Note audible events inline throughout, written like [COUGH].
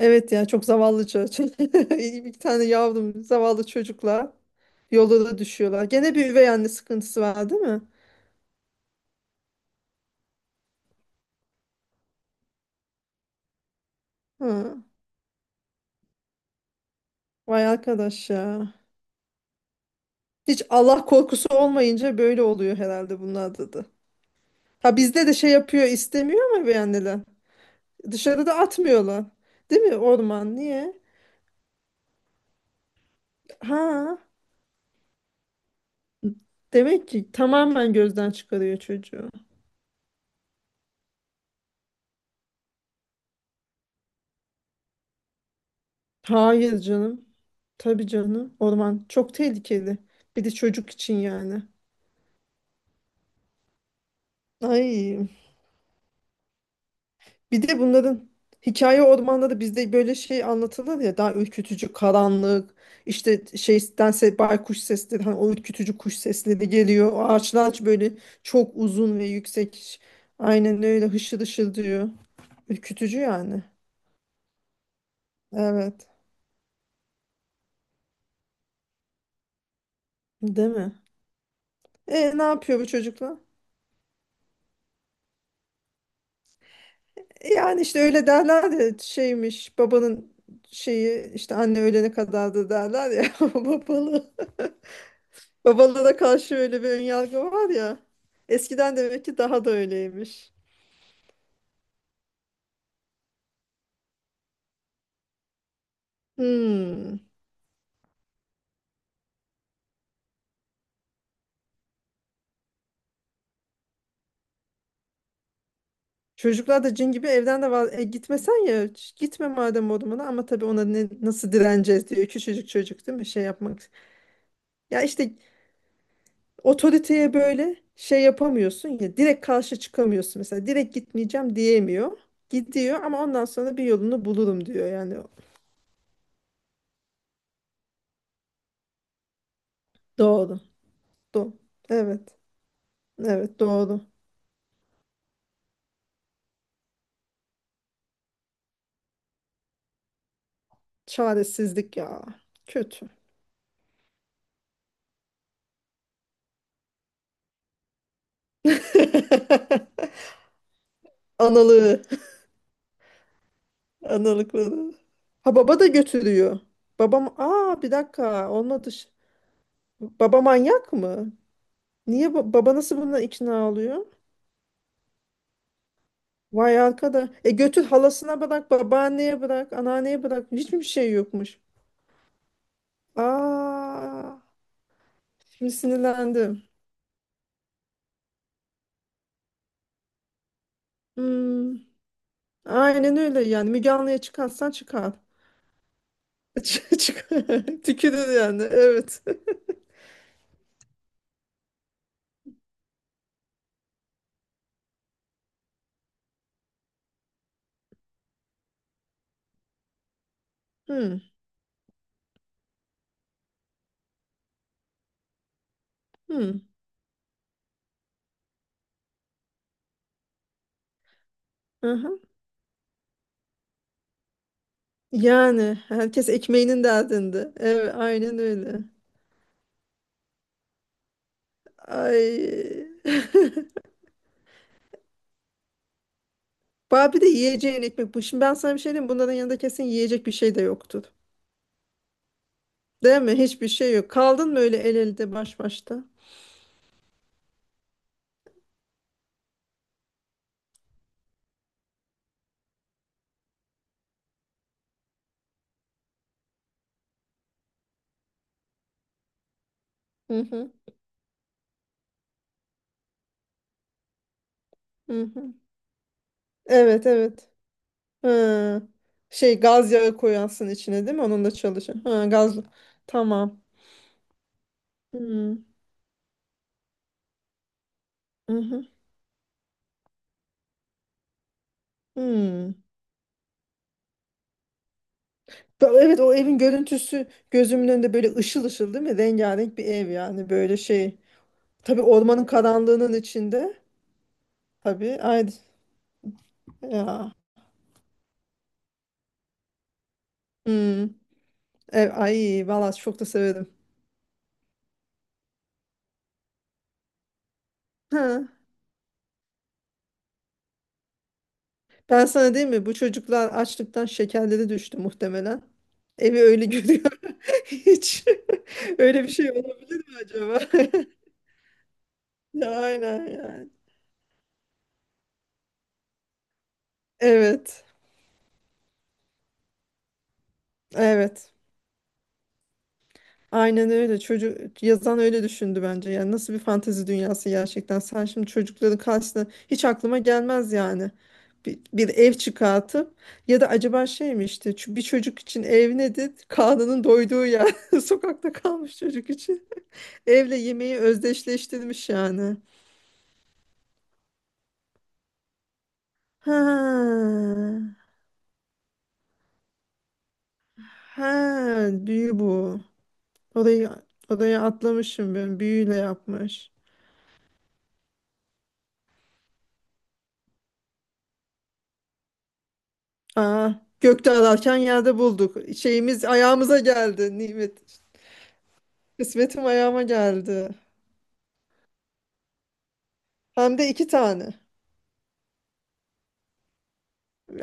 Evet ya, çok zavallı çocuk. [LAUGHS] Bir tane yavrum, zavallı çocuklar yolda da düşüyorlar. Gene bir üvey anne sıkıntısı var değil mi? Hı. Vay arkadaş ya. Hiç Allah korkusu olmayınca böyle oluyor herhalde bunlarda da. Ha, bizde de şey yapıyor, istemiyor ama üvey anneler. Dışarıda atmıyorlar. Değil mi, orman niye? Ha, demek ki tamamen gözden çıkarıyor çocuğu. Hayır canım. Tabii canım. Orman çok tehlikeli. Bir de çocuk için yani. Ay. Bir de bunların hikaye ormanda da bizde böyle şey anlatılır ya, daha ürkütücü karanlık, işte şeydense baykuş sesleri, hani o ürkütücü kuş sesleri geliyor. O ağaçlar böyle çok uzun ve yüksek, aynen öyle hışır hışır diyor. Ürkütücü yani. Evet. Değil mi? E, ne yapıyor bu çocuklar? E, yani işte öyle derler ya, şeymiş babanın şeyi, işte anne ölene kadardı derler ya [LAUGHS] babalı. Babalara karşı öyle bir önyargı var ya. Eskiden demek ki daha da öyleymiş. Hmm. Çocuklar da cin gibi, evden de var. E, gitmesen ya, gitme madem odamına, ama tabii ona ne, nasıl direneceğiz diyor. Küçücük çocuk, değil mi, şey yapmak. Ya işte otoriteye böyle şey yapamıyorsun ya, direkt karşı çıkamıyorsun, mesela direkt gitmeyeceğim diyemiyor. Gidiyor ama ondan sonra bir yolunu bulurum diyor yani. Doğru. Doğru. Evet. Evet, doğru. Çaresizlik ya. Kötü. [LAUGHS] Analığı. Analıkları. Ha, baba da götürüyor. Babam, aa bir dakika, olmadı. Baba manyak mı? Niye baba nasıl buna ikna oluyor? Vay arkada. E, götür halasına bırak, babaanneye bırak, anneanneye bırak. Hiçbir şey yokmuş. Aa, şimdi sinirlendim. Hmm, aynen öyle yani. Müge Anlı'ya çıkarsan çıkar. [LAUGHS] Çıkar. Tükürür yani. Evet. Hmm, hmm. Aha. Yani herkes ekmeğinin derdinde. Evet, aynen öyle. Ay. [LAUGHS] Bir de yiyeceğin ekmek bu. Şimdi ben sana bir şey diyeyim. Bunların yanında kesin yiyecek bir şey de yoktur. Değil mi? Hiçbir şey yok. Kaldın mı öyle el elde baş başta? Hı hı. Hı hı. Evet evet. Ha. Şey, gaz yağı koyarsın içine değil mi? Onun da çalışır. Ha, gaz. Tamam. Hı hı. Hı. Hı. Evet, o evin görüntüsü gözümün önünde böyle ışıl ışıl değil mi? Rengarenk bir ev yani, böyle şey. Tabii ormanın karanlığının içinde. Tabii. Ay ya. Hmm. E, ay valla çok da severim. Ha. Ben sana, değil mi? Bu çocuklar açlıktan şekerleri düştü muhtemelen. Evi öyle görüyor. [LAUGHS] Hiç. [LAUGHS] Öyle bir şey olabilir mi acaba? [LAUGHS] Ya, aynen yani. Evet. Evet. Aynen öyle. Çocuk yazan öyle düşündü bence. Yani nasıl bir fantezi dünyası gerçekten? Sen şimdi çocukların karşısına hiç aklıma gelmez yani. Bir ev çıkartıp, ya da acaba şey mi, işte bir çocuk için ev nedir? Karnının doyduğu yer. [LAUGHS] Sokakta kalmış çocuk için. Evle yemeği özdeşleştirmiş yani. Ha. Ha, büyü bu. Orayı orayı atlamışım ben. Büyüyle yapmış. Aa, gökte ararken yerde bulduk. Şeyimiz ayağımıza geldi, nimet. Kısmetim ayağıma geldi. Hem de iki tane.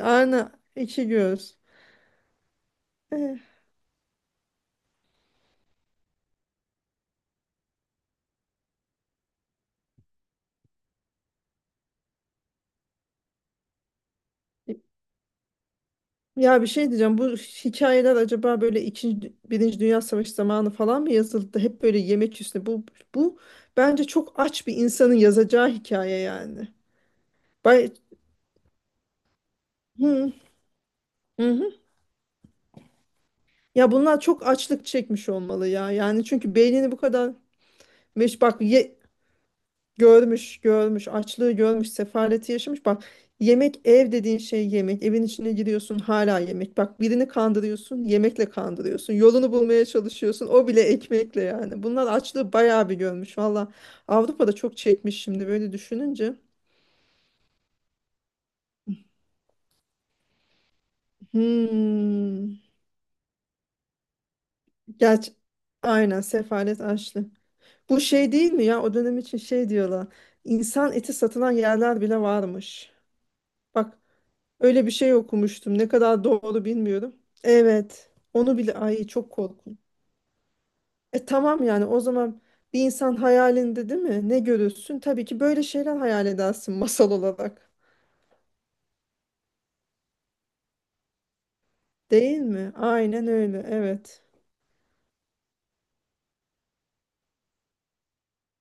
Aynen, iki göz. Eh, ya bir şey diyeceğim. Bu hikayeler acaba böyle ikinci, Birinci Dünya Savaşı zamanı falan mı yazıldı? Hep böyle yemek üstüne. Bu bence çok aç bir insanın yazacağı hikaye yani. Bay, hı, hı. Hı. Ya bunlar çok açlık çekmiş olmalı ya. Yani çünkü beynini bu kadar bak, görmüş, görmüş, açlığı görmüş, sefaleti yaşamış. Bak, yemek, ev dediğin şey yemek. Evin içine giriyorsun, hala yemek. Bak, birini kandırıyorsun, yemekle kandırıyorsun. Yolunu bulmaya çalışıyorsun, o bile ekmekle yani. Bunlar açlığı bayağı bir görmüş. Avrupa'da çok çekmiş şimdi böyle düşününce. Hmm. Gerçi aynen, sefalet, açlık. Bu şey değil mi ya, o dönem için şey diyorlar. İnsan eti satılan yerler bile varmış. Bak, öyle bir şey okumuştum. Ne kadar doğru bilmiyorum. Evet. Onu bile, ay çok korkunç. E tamam, yani o zaman bir insan hayalinde, değil mi? Ne görürsün? Tabii ki böyle şeyler hayal edersin [LAUGHS] masal olarak. Değil mi? Aynen öyle. Evet.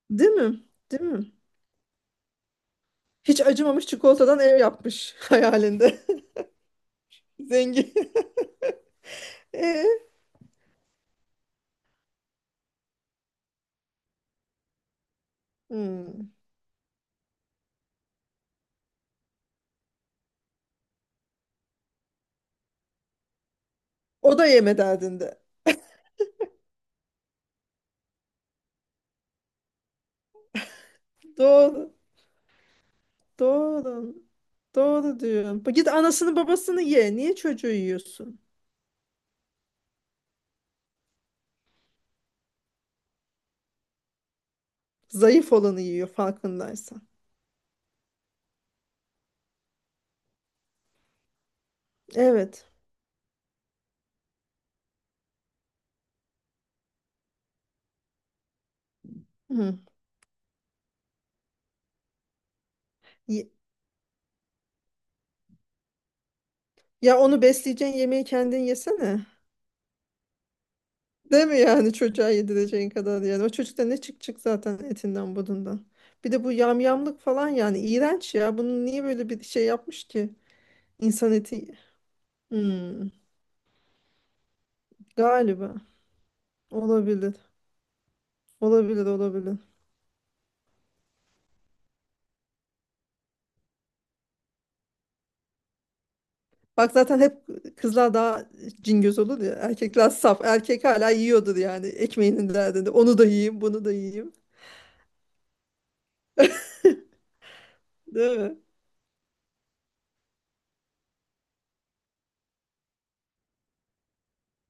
Değil mi? Değil mi? Hiç acımamış, çikolatadan ev yapmış [LAUGHS] hayalinde. [LAUGHS] Zengin. [LAUGHS] E? Hmm. O da yeme derdinde. Doğru. Doğru. Doğru diyorsun. Git anasını babasını ye. Niye çocuğu yiyorsun? Zayıf olanı yiyor farkındaysan. Evet. Hı. Ye- Ya, onu besleyeceğin yemeği kendin yesene. Değil mi, yani çocuğa yedireceğin kadar yani. O çocukta ne çıkacak zaten, etinden budundan. Bir de bu yamyamlık falan, yani iğrenç ya. Bunu niye böyle bir şey yapmış ki? İnsan eti. Hmm, galiba. Olabilir. Olabilir, olabilir. Bak zaten hep kızlar daha cingöz olur ya. Erkekler saf. Erkek hala yiyordur yani, ekmeğinin derdinde. Onu da yiyeyim, bunu da yiyeyim. Değil mi?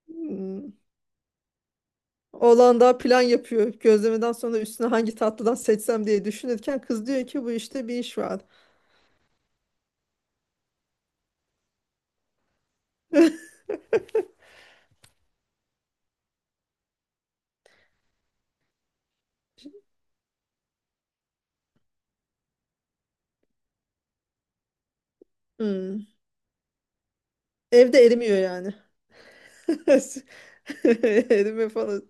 Hmm. Oğlan daha plan yapıyor. Gözlemeden sonra üstüne hangi tatlıdan seçsem diye düşünürken, kız diyor ki bu işte bir iş var. Hmm. Evde erimiyor yani. [LAUGHS] Erime falan.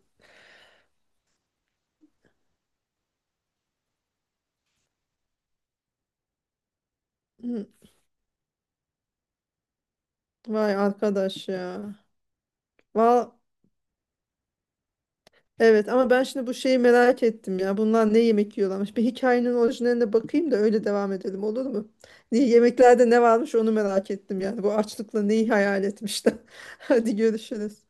Hmm. Vay arkadaş ya. Val, evet, ama ben şimdi bu şeyi merak ettim ya. Bunlar ne yemek yiyorlarmış? Bir hikayenin orijinaline bakayım da öyle devam edelim, olur mu? Niye, yemeklerde ne varmış onu merak ettim yani. Bu açlıkla neyi hayal etmişler. [LAUGHS] Hadi görüşürüz.